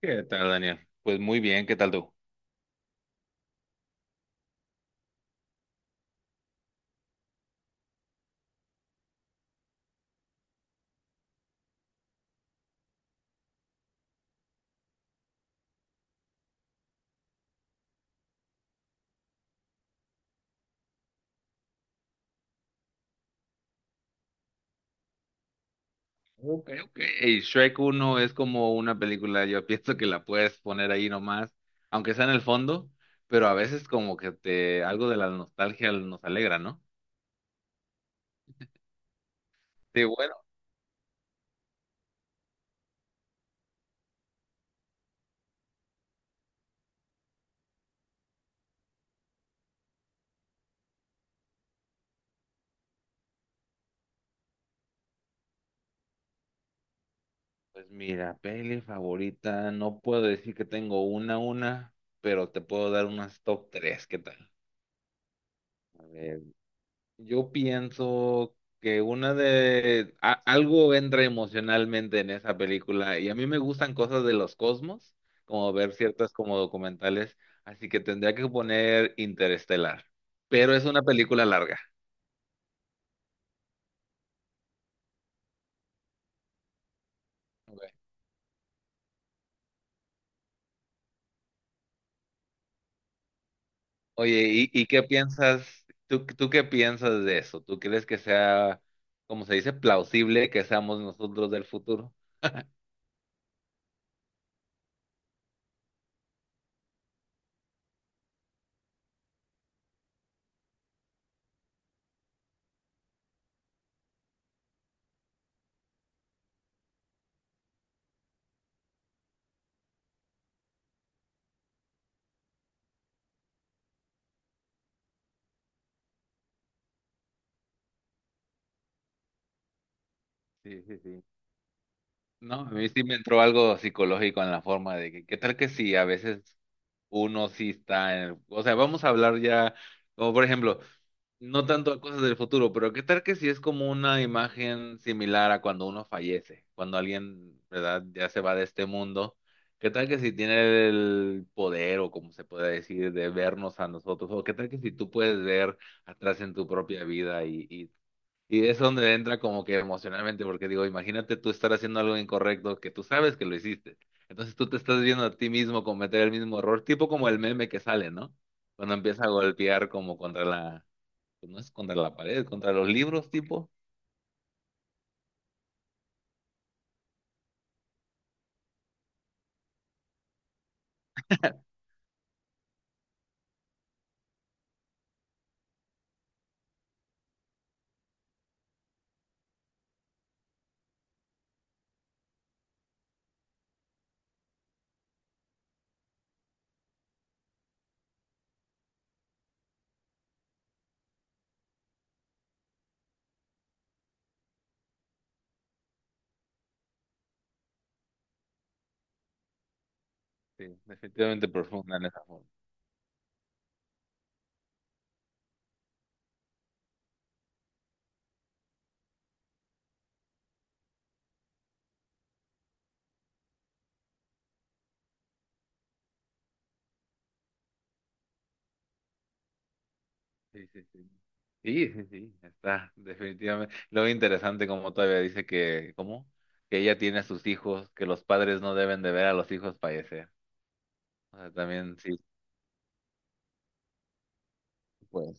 ¿Qué tal, Daniel? Pues muy bien, ¿qué tal tú? Ok, ok. Y Shrek uno es como una película, yo pienso que la puedes poner ahí nomás, aunque sea en el fondo, pero a veces como que te algo de la nostalgia nos alegra, ¿no? Sí, bueno, pues mira, peli favorita, no puedo decir que tengo una, pero te puedo dar unas top 3. ¿Qué tal? A ver, yo pienso que una de algo entra emocionalmente en esa película y a mí me gustan cosas de los cosmos, como ver ciertas como documentales, así que tendría que poner Interestelar, pero es una película larga. Ok. Oye, ¿y qué piensas? ¿Tú qué piensas de eso? ¿Tú crees que sea, como se dice, plausible que seamos nosotros del futuro? Sí, sí, sí. No, a mí sí me entró algo psicológico en la forma de que, ¿qué tal que sí? A veces uno sí o sea, vamos a hablar ya, como por ejemplo, no tanto a cosas del futuro, pero qué tal que si es como una imagen similar a cuando uno fallece, cuando alguien, ¿verdad? Ya se va de este mundo. ¿Qué tal que si tiene el poder o como se puede decir de vernos a nosotros? ¿O qué tal que si tú puedes ver atrás en tu propia vida y es donde entra como que emocionalmente, porque digo, imagínate tú estar haciendo algo incorrecto que tú sabes que lo hiciste. Entonces tú te estás viendo a ti mismo cometer el mismo error, tipo como el meme que sale, ¿no? Cuando empieza a golpear como contra la, pues no es contra la pared, contra los libros, tipo. Sí, definitivamente profunda en esa forma. Sí, sí, sí. Sí, sí, sí, está, definitivamente. Lo interesante como todavía dice que, ¿cómo? Que ella tiene a sus hijos, que los padres no deben de ver a los hijos fallecer. O sea, también sí, pues.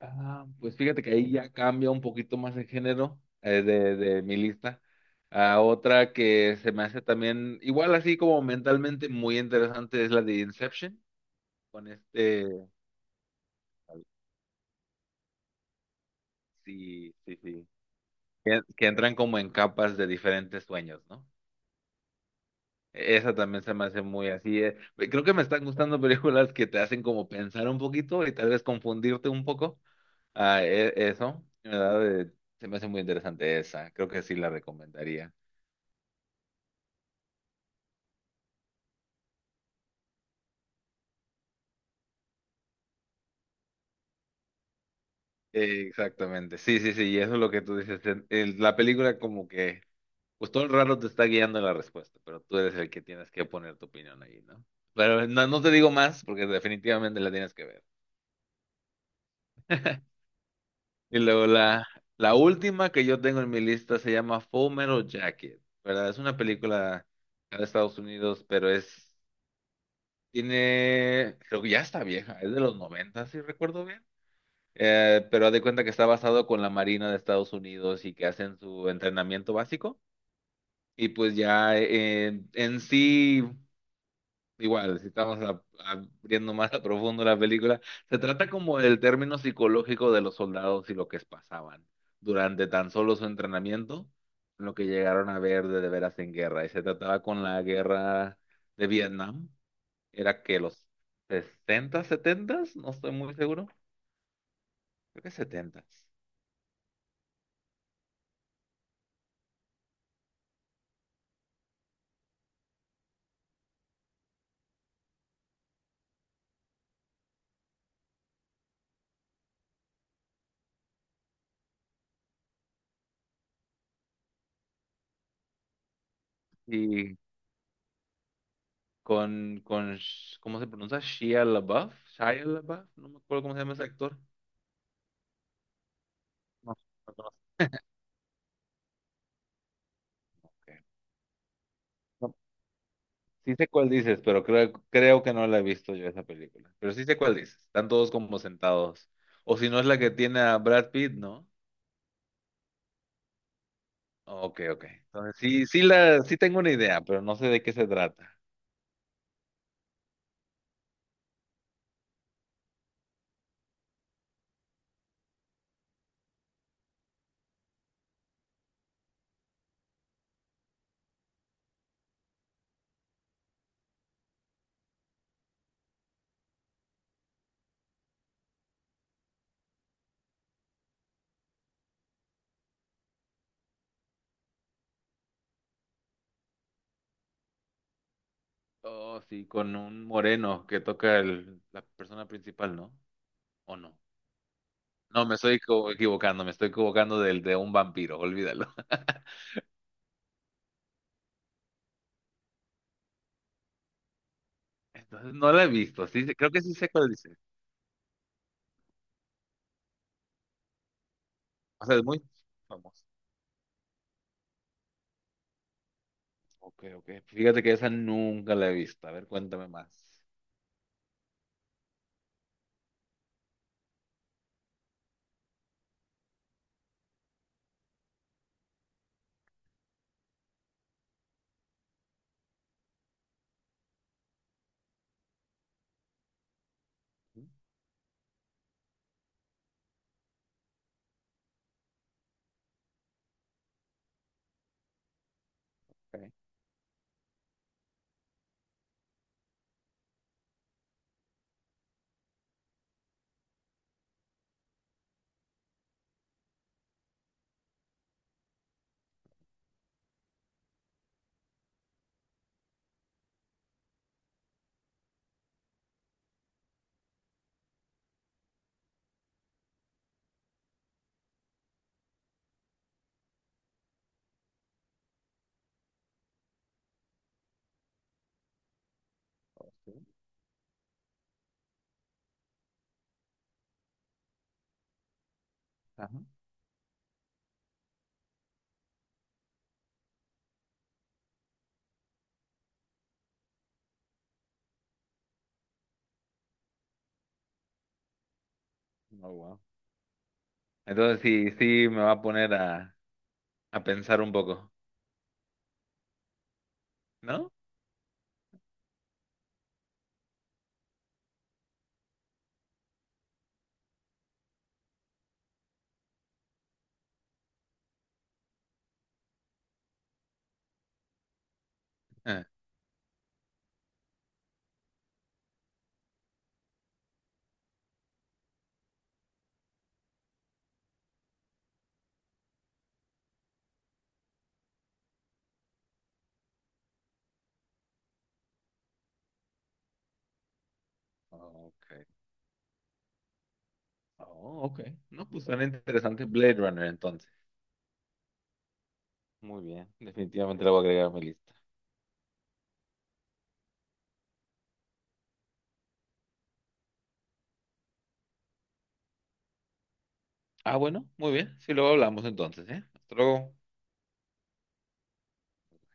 Ah, pues fíjate que ahí ya cambia un poquito más el género de, mi lista. A otra que se me hace también, igual así como mentalmente muy interesante, es la de Inception, con este, sí, sí, sí, que entran como en capas de diferentes sueños, ¿no? Esa también se me hace muy así. Creo que me están gustando películas que te hacen como pensar un poquito y tal vez confundirte un poco. Ah, eso, ¿verdad? Se me hace muy interesante esa, creo que sí la recomendaría. Exactamente, sí, sí, sí, y eso es lo que tú dices. En la película como que, pues todo el rato te está guiando la respuesta, pero tú eres el que tienes que poner tu opinión ahí, ¿no? Pero no, no te digo más porque definitivamente la tienes que ver. Y luego la última que yo tengo en mi lista se llama Full Metal Jacket, ¿verdad? Es una película de Estados Unidos, pero es, tiene, creo que ya está vieja, es de los 90 si recuerdo bien. Pero haz de cuenta que está basado con la Marina de Estados Unidos y que hacen su entrenamiento básico. Y pues ya en sí, igual, si abriendo más a profundo la película, se trata como del término psicológico de los soldados y lo que pasaban durante tan solo su entrenamiento, lo que llegaron a ver de veras en guerra. Y se trataba con la guerra de Vietnam, era que los 60 70, no estoy muy seguro, creo que 70. Y con, ¿cómo se pronuncia? Shia LaBeouf, Shia LaBeouf, no me acuerdo cómo se llama ese actor. No, no conozco. No, sí sé cuál dices, pero creo que no la he visto yo esa película. Pero sí sé cuál dices. Están todos como sentados. O si no es la que tiene a Brad Pitt, ¿no? Ok, ok. Entonces sí, sí tengo una idea, pero no sé de qué se trata. Oh, sí, con un moreno que toca el, la persona principal, ¿no? ¿O no? No, me estoy equivocando, me estoy equivocando del de un vampiro, olvídalo. Entonces no la he visto, sí, creo que sí sé cuál dices. O sea, es muy famoso. Ok, ok. Fíjate que esa nunca la he visto. A ver, cuéntame más. Okay. Ok. Ajá. Oh, wow. Entonces sí, sí me va a poner a pensar un poco, ¿no? Ah, ok. Oh, ok. No, pues suena interesante Blade Runner entonces. Muy bien, definitivamente la voy a agregar a mi lista. Ah, bueno, muy bien. Sí, luego hablamos entonces, ¿eh? Hasta luego.